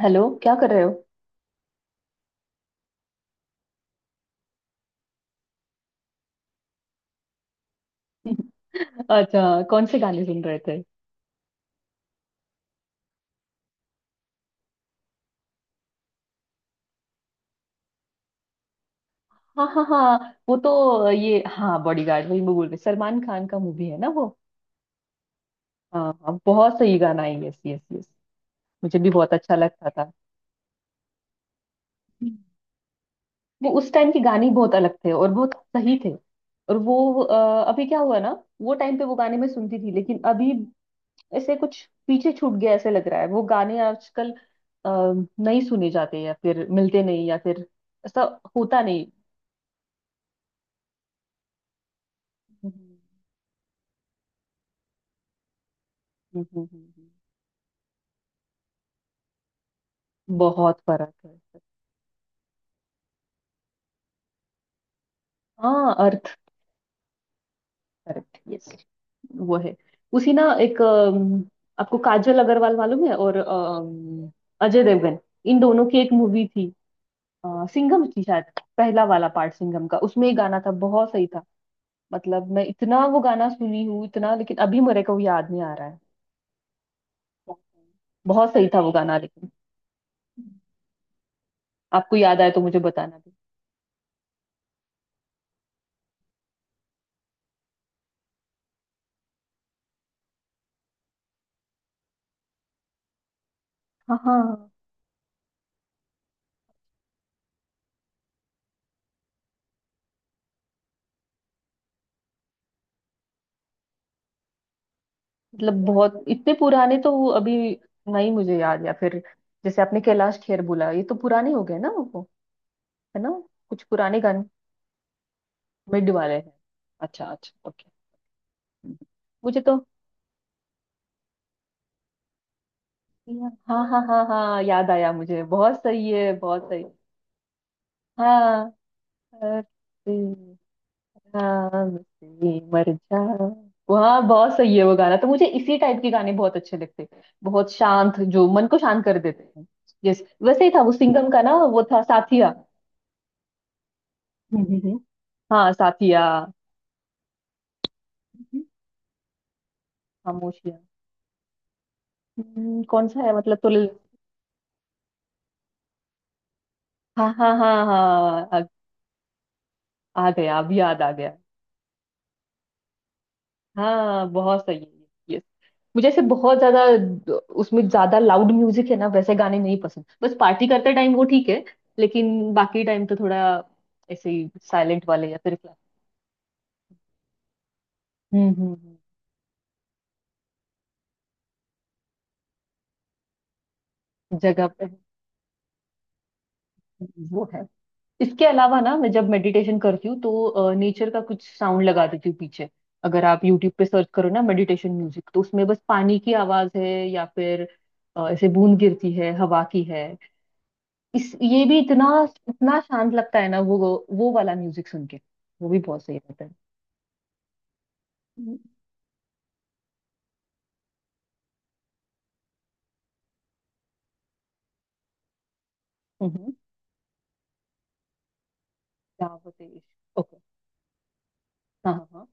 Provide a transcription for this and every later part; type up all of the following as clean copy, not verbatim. Hello, क्या कर रहे हो। अच्छा, कौन से गाने सुन रहे थे। हाँ हाँ हाँ। वो तो ये हाँ बॉडीगार्ड, वही मैं बोल रही, सलमान खान का मूवी है ना वो। हाँ हाँ, बहुत सही गाना है, यस यस यस। मुझे भी बहुत अच्छा लगता था। वो उस टाइम के गाने ही बहुत अलग थे और बहुत सही थे। और वो अभी क्या हुआ ना। वो टाइम पे वो गाने मैं सुनती थी, लेकिन अभी ऐसे कुछ पीछे छूट गया ऐसे लग रहा है, वो गाने आजकल अ, नहीं सुने जाते या फिर मिलते नहीं, या फिर ऐसा होता नहीं। हम्म, हम्म, हम्म। हम्म। बहुत फर्क है। हाँ, अर्थ। Correct, yes. वो है। उसी ना, एक आपको काजल अग्रवाल मालूम है। और अजय देवगन, इन दोनों की एक मूवी थी। सिंघम थी शायद। पहला वाला पार्ट सिंघम का, उसमें एक गाना था, बहुत सही था। मतलब मैं इतना वो गाना सुनी हूँ इतना, लेकिन अभी मेरे को वो याद नहीं आ रहा है। बहुत सही था वो गाना, लेकिन आपको याद आए तो मुझे बताना भी। हाँ हाँ। मतलब बहुत इतने पुराने तो वो अभी नहीं मुझे याद, या फिर जैसे आपने कैलाश खेर बोला, ये तो पुराने हो गए ना वो, है ना। कुछ पुराने गाने। मिड वाले हैं। अच्छा अच्छा, ओके। मुझे तो हाँ हाँ हाँ हाँ याद आया मुझे, बहुत सही है, बहुत सही। हाँ, हंसी, हाँ, हंसी मर जा। वहाँ बहुत सही है वो गाना, तो मुझे इसी टाइप के गाने बहुत अच्छे लगते हैं, बहुत शांत जो मन को शांत कर देते हैं। यस, वैसे ही था वो सिंघम का ना, वो था साथिया। जी जी जी। हाँ, साथिया। हम्म, खामोशिया। कौन सा है मतलब तो। हाँ हाँ हाँ हाँ आ गया, अभी याद आ गया। हाँ, बहुत सही है, यस। मुझे ऐसे बहुत ज्यादा उसमें ज्यादा लाउड म्यूजिक है ना, वैसे गाने नहीं पसंद, बस पार्टी करते टाइम वो ठीक है। लेकिन बाकी टाइम तो थोड़ा ऐसे ही साइलेंट वाले या फिर क्लास। हम्म हम्म हम्म, जगह पे वो है। इसके अलावा ना मैं जब मेडिटेशन करती हूँ तो नेचर का कुछ साउंड लगा देती हूँ पीछे। अगर आप यूट्यूब पे सर्च करो ना मेडिटेशन म्यूजिक, तो उसमें बस पानी की आवाज है या फिर ऐसे बूंद गिरती है, हवा की है। इस ये भी इतना इतना शांत लगता है ना वो वाला म्यूजिक सुन के वो भी बहुत सही रहता है। हम्म हम्म, क्या होते हैं? ओके। हाँ हाँ हाँ।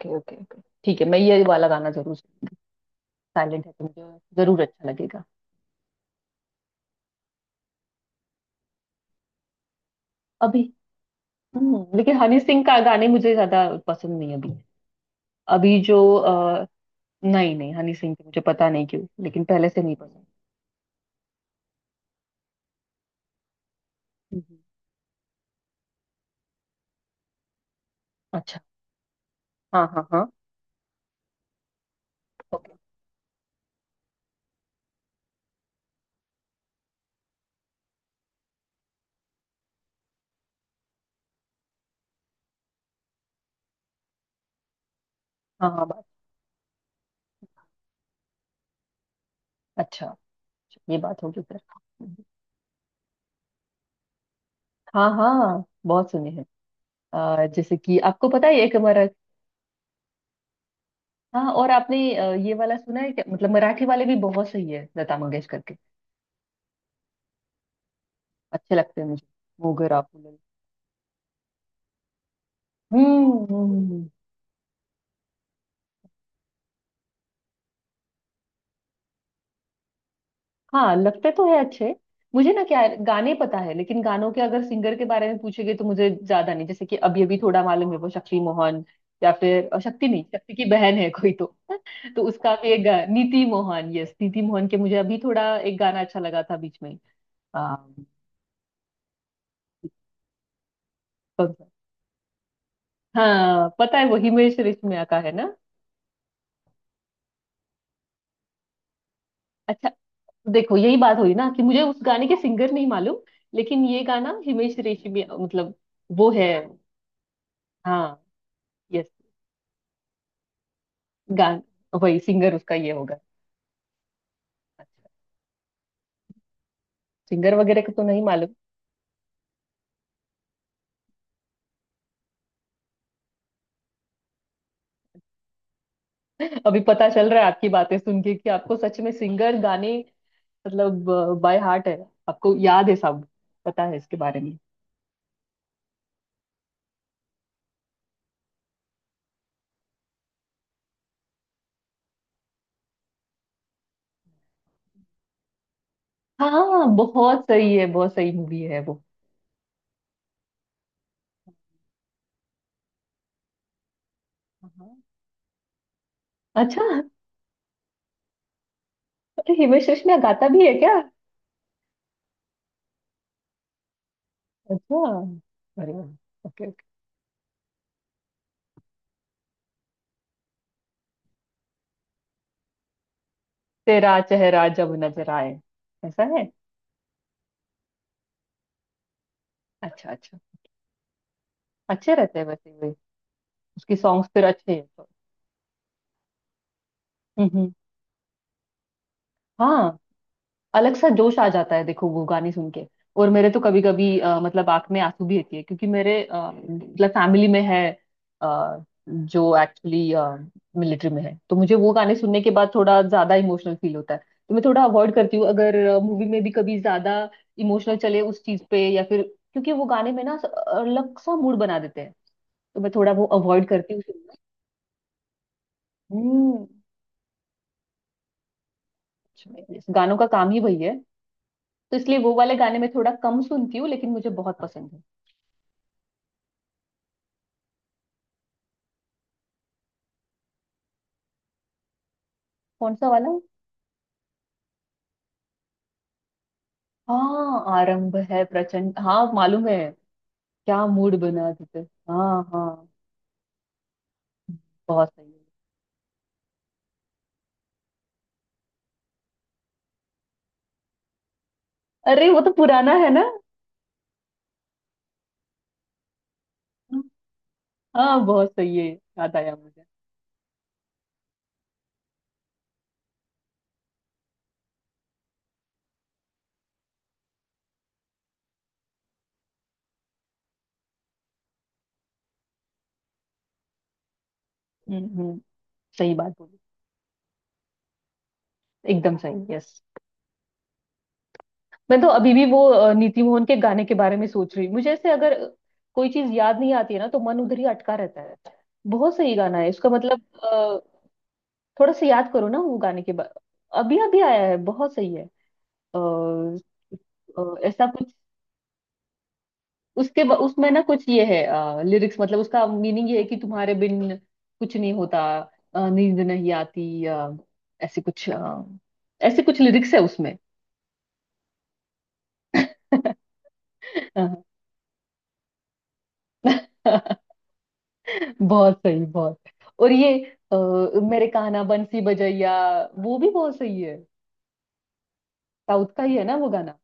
ओके ओके ओके, ठीक है, मैं ये वाला गाना जरूर, साइलेंट है तो मुझे जरूर अच्छा लगेगा। अभी हम्म, लेकिन हनी सिंह का गाने मुझे ज्यादा पसंद नहीं है। अभी अभी जो नहीं नहीं, हनी सिंह की मुझे पता नहीं क्यों लेकिन पहले से नहीं पसंद। हम्म। अच्छा, हाँ हाँ हाँ। ओके, हाँ हाँ, बात अच्छा। अच्छा, ये बात होगी फिर। हम्म। हाँ हाँ, बहुत सुने हैं। जैसे कि आपको पता है एक हमारा, हाँ। और आपने ये वाला सुना है क्या, मतलब मराठी वाले भी बहुत सही है लता मंगेशकर के, अच्छे लगते हैं मुझे। मोगरा फूल। हम्म हम्म, हम्म। हाँ, लगते तो है अच्छे। मुझे ना क्या है, गाने पता है, लेकिन गानों के अगर सिंगर के बारे में पूछेंगे तो मुझे ज्यादा नहीं। जैसे कि अभी अभी थोड़ा मालूम है, वो शक्ति मोहन, या फिर शक्ति नहीं, शक्ति की बहन है कोई तो तो उसका भी एक नीति मोहन, यस, नीति मोहन के मुझे अभी थोड़ा एक गाना अच्छा लगा था बीच में। आ, कौन सा? हाँ, पता है, वो हिमेश रेशमिया का है ना। अच्छा, देखो यही बात हुई ना कि मुझे उस गाने के सिंगर नहीं मालूम, लेकिन ये गाना हिमेश रेशमिया मतलब, वो है। हाँ, yes, गान, वही सिंगर उसका ये होगा। अच्छा, सिंगर वगैरह का तो नहीं मालूम। अभी पता चल रहा है आपकी बातें सुन के कि आपको सच में सिंगर गाने मतलब बाय हार्ट है, आपको याद है सब, पता है इसके बारे में। हाँ, बहुत सही है, बहुत सही मूवी है वो। हाँ। अच्छा, अरे हिमेश रेशमिया गाता भी है क्या। अच्छा, अरे, ओके ओके। तेरा चेहरा जब नजर आए, ऐसा है। अच्छा अच्छा। अच्छे रहते हैं वैसे भी, उसकी सॉन्ग्स फिर अच्छे हैं तो। हम्म। हाँ, अलग सा जोश आ जाता है, देखो वो गाने सुन के। और मेरे तो कभी कभी मतलब आंख में आंसू भी रहती है, क्योंकि मेरे मतलब फैमिली में है, जो एक्चुअली मिलिट्री में है, तो मुझे वो गाने सुनने के बाद थोड़ा ज्यादा इमोशनल फील होता है, तो मैं थोड़ा अवॉइड करती हूँ, अगर मूवी में भी कभी ज्यादा इमोशनल चले उस चीज पे, या फिर क्योंकि वो गाने में ना अलग सा मूड बना देते हैं, तो मैं थोड़ा वो अवॉइड करती हूँ सुनना। हम्म। अच्छा, गानों का काम ही वही है, तो इसलिए वो वाले गाने में थोड़ा कम सुनती हूँ, लेकिन मुझे बहुत पसंद है। कौन सा वाला। हाँ, आरंभ है प्रचंड, हाँ मालूम है। क्या मूड बना देते। हाँ हाँ, बहुत सही है। अरे, वो तो पुराना है ना। हाँ, बहुत सही है, याद आया मुझे। हम्म, सही बात बोली। एकदम सही, यस। मैं तो अभी भी वो नीति मोहन के गाने के बारे में सोच रही हूँ, मुझे ऐसे अगर कोई चीज याद नहीं आती है ना तो मन उधर ही अटका रहता है। बहुत सही गाना है इसका, मतलब थोड़ा सा याद करो ना वो गाने के बा... अभी अभी आया है, बहुत सही है। अ, अ, ऐसा कुछ, उसमें ना कुछ ये है, लिरिक्स मतलब उसका मीनिंग ये है कि तुम्हारे बिन कुछ नहीं होता, नींद नहीं आती, ऐसे कुछ, ऐसे कुछ लिरिक्स है उसमें। बहुत सही, बहुत। और ये अ, मेरे कान्हा बंसी बजैया, वो भी बहुत सही है। साउथ का ही है ना वो गाना।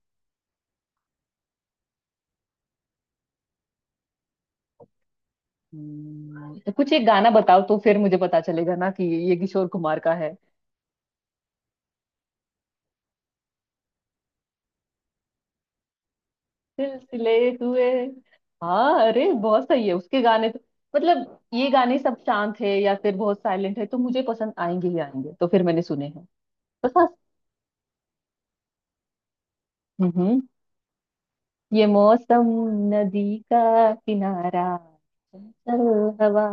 तो कुछ एक गाना बताओ, तो फिर मुझे पता चलेगा ना कि ये किशोर कुमार का है। सिलसिले हुए। हाँ, अरे बहुत सही है उसके गाने तो। मतलब ये गाने सब शांत है या फिर बहुत साइलेंट है, तो मुझे पसंद आएंगे ही आएंगे, तो फिर मैंने सुने हैं बस, हाँ। हम्म, ये मौसम, नदी, का, किनारा, चंचल हवा,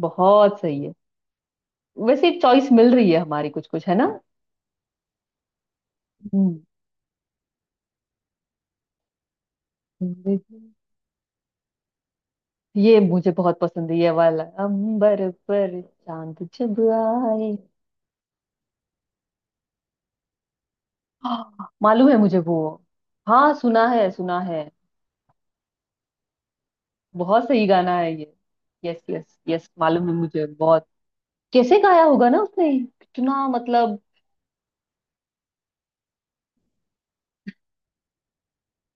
बहुत सही है। वैसे चॉइस मिल रही है हमारी, कुछ कुछ है ना। हम्म, हम्म, ये मुझे बहुत पसंद है, ये वाला अंबर पर चांद जब आए। हाँ, मालूम है मुझे वो। हाँ, सुना है सुना है। बहुत सही गाना है ये। यस यस यस, मालूम है मुझे, बहुत। कैसे गाया होगा ना उसने, कितना मतलब।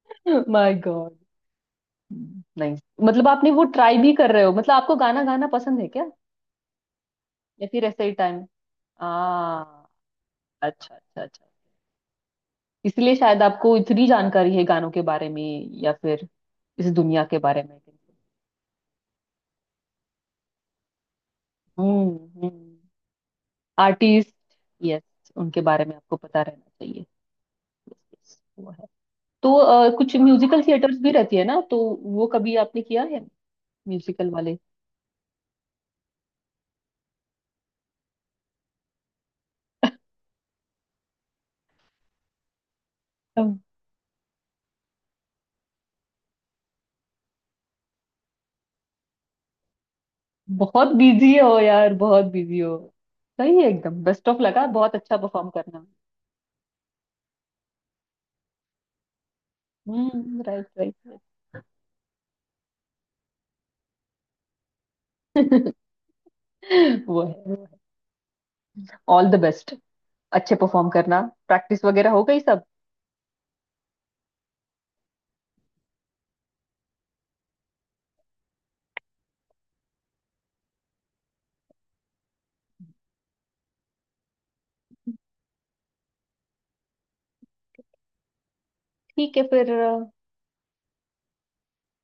My God. नहीं, मतलब आपने वो ट्राई भी कर रहे हो, मतलब आपको गाना गाना पसंद है क्या, या फिर ऐसे ही टाइम। आ, अच्छा अच्छा अच्छा, इसलिए शायद आपको इतनी जानकारी है गानों के बारे में, या फिर इस दुनिया के बारे में। हम्म हम्म। आर्टिस्ट, यस, उनके बारे में आपको पता रहना चाहिए, वो है। तो कुछ म्यूजिकल थिएटर्स भी रहती है ना, तो वो कभी आपने किया है, म्यूजिकल वाले। तब बहुत बिजी हो यार, बहुत बिजी हो। सही है, एकदम बेस्ट ऑफ लगा, बहुत अच्छा परफॉर्म करना। हम्म, राइट। राइट, वो है। ऑल द बेस्ट, अच्छे परफॉर्म करना। प्रैक्टिस वगैरह हो गई सब। ठीक है फिर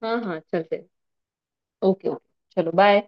हाँ हाँ, चलते। ओके ओके, चलो बाय।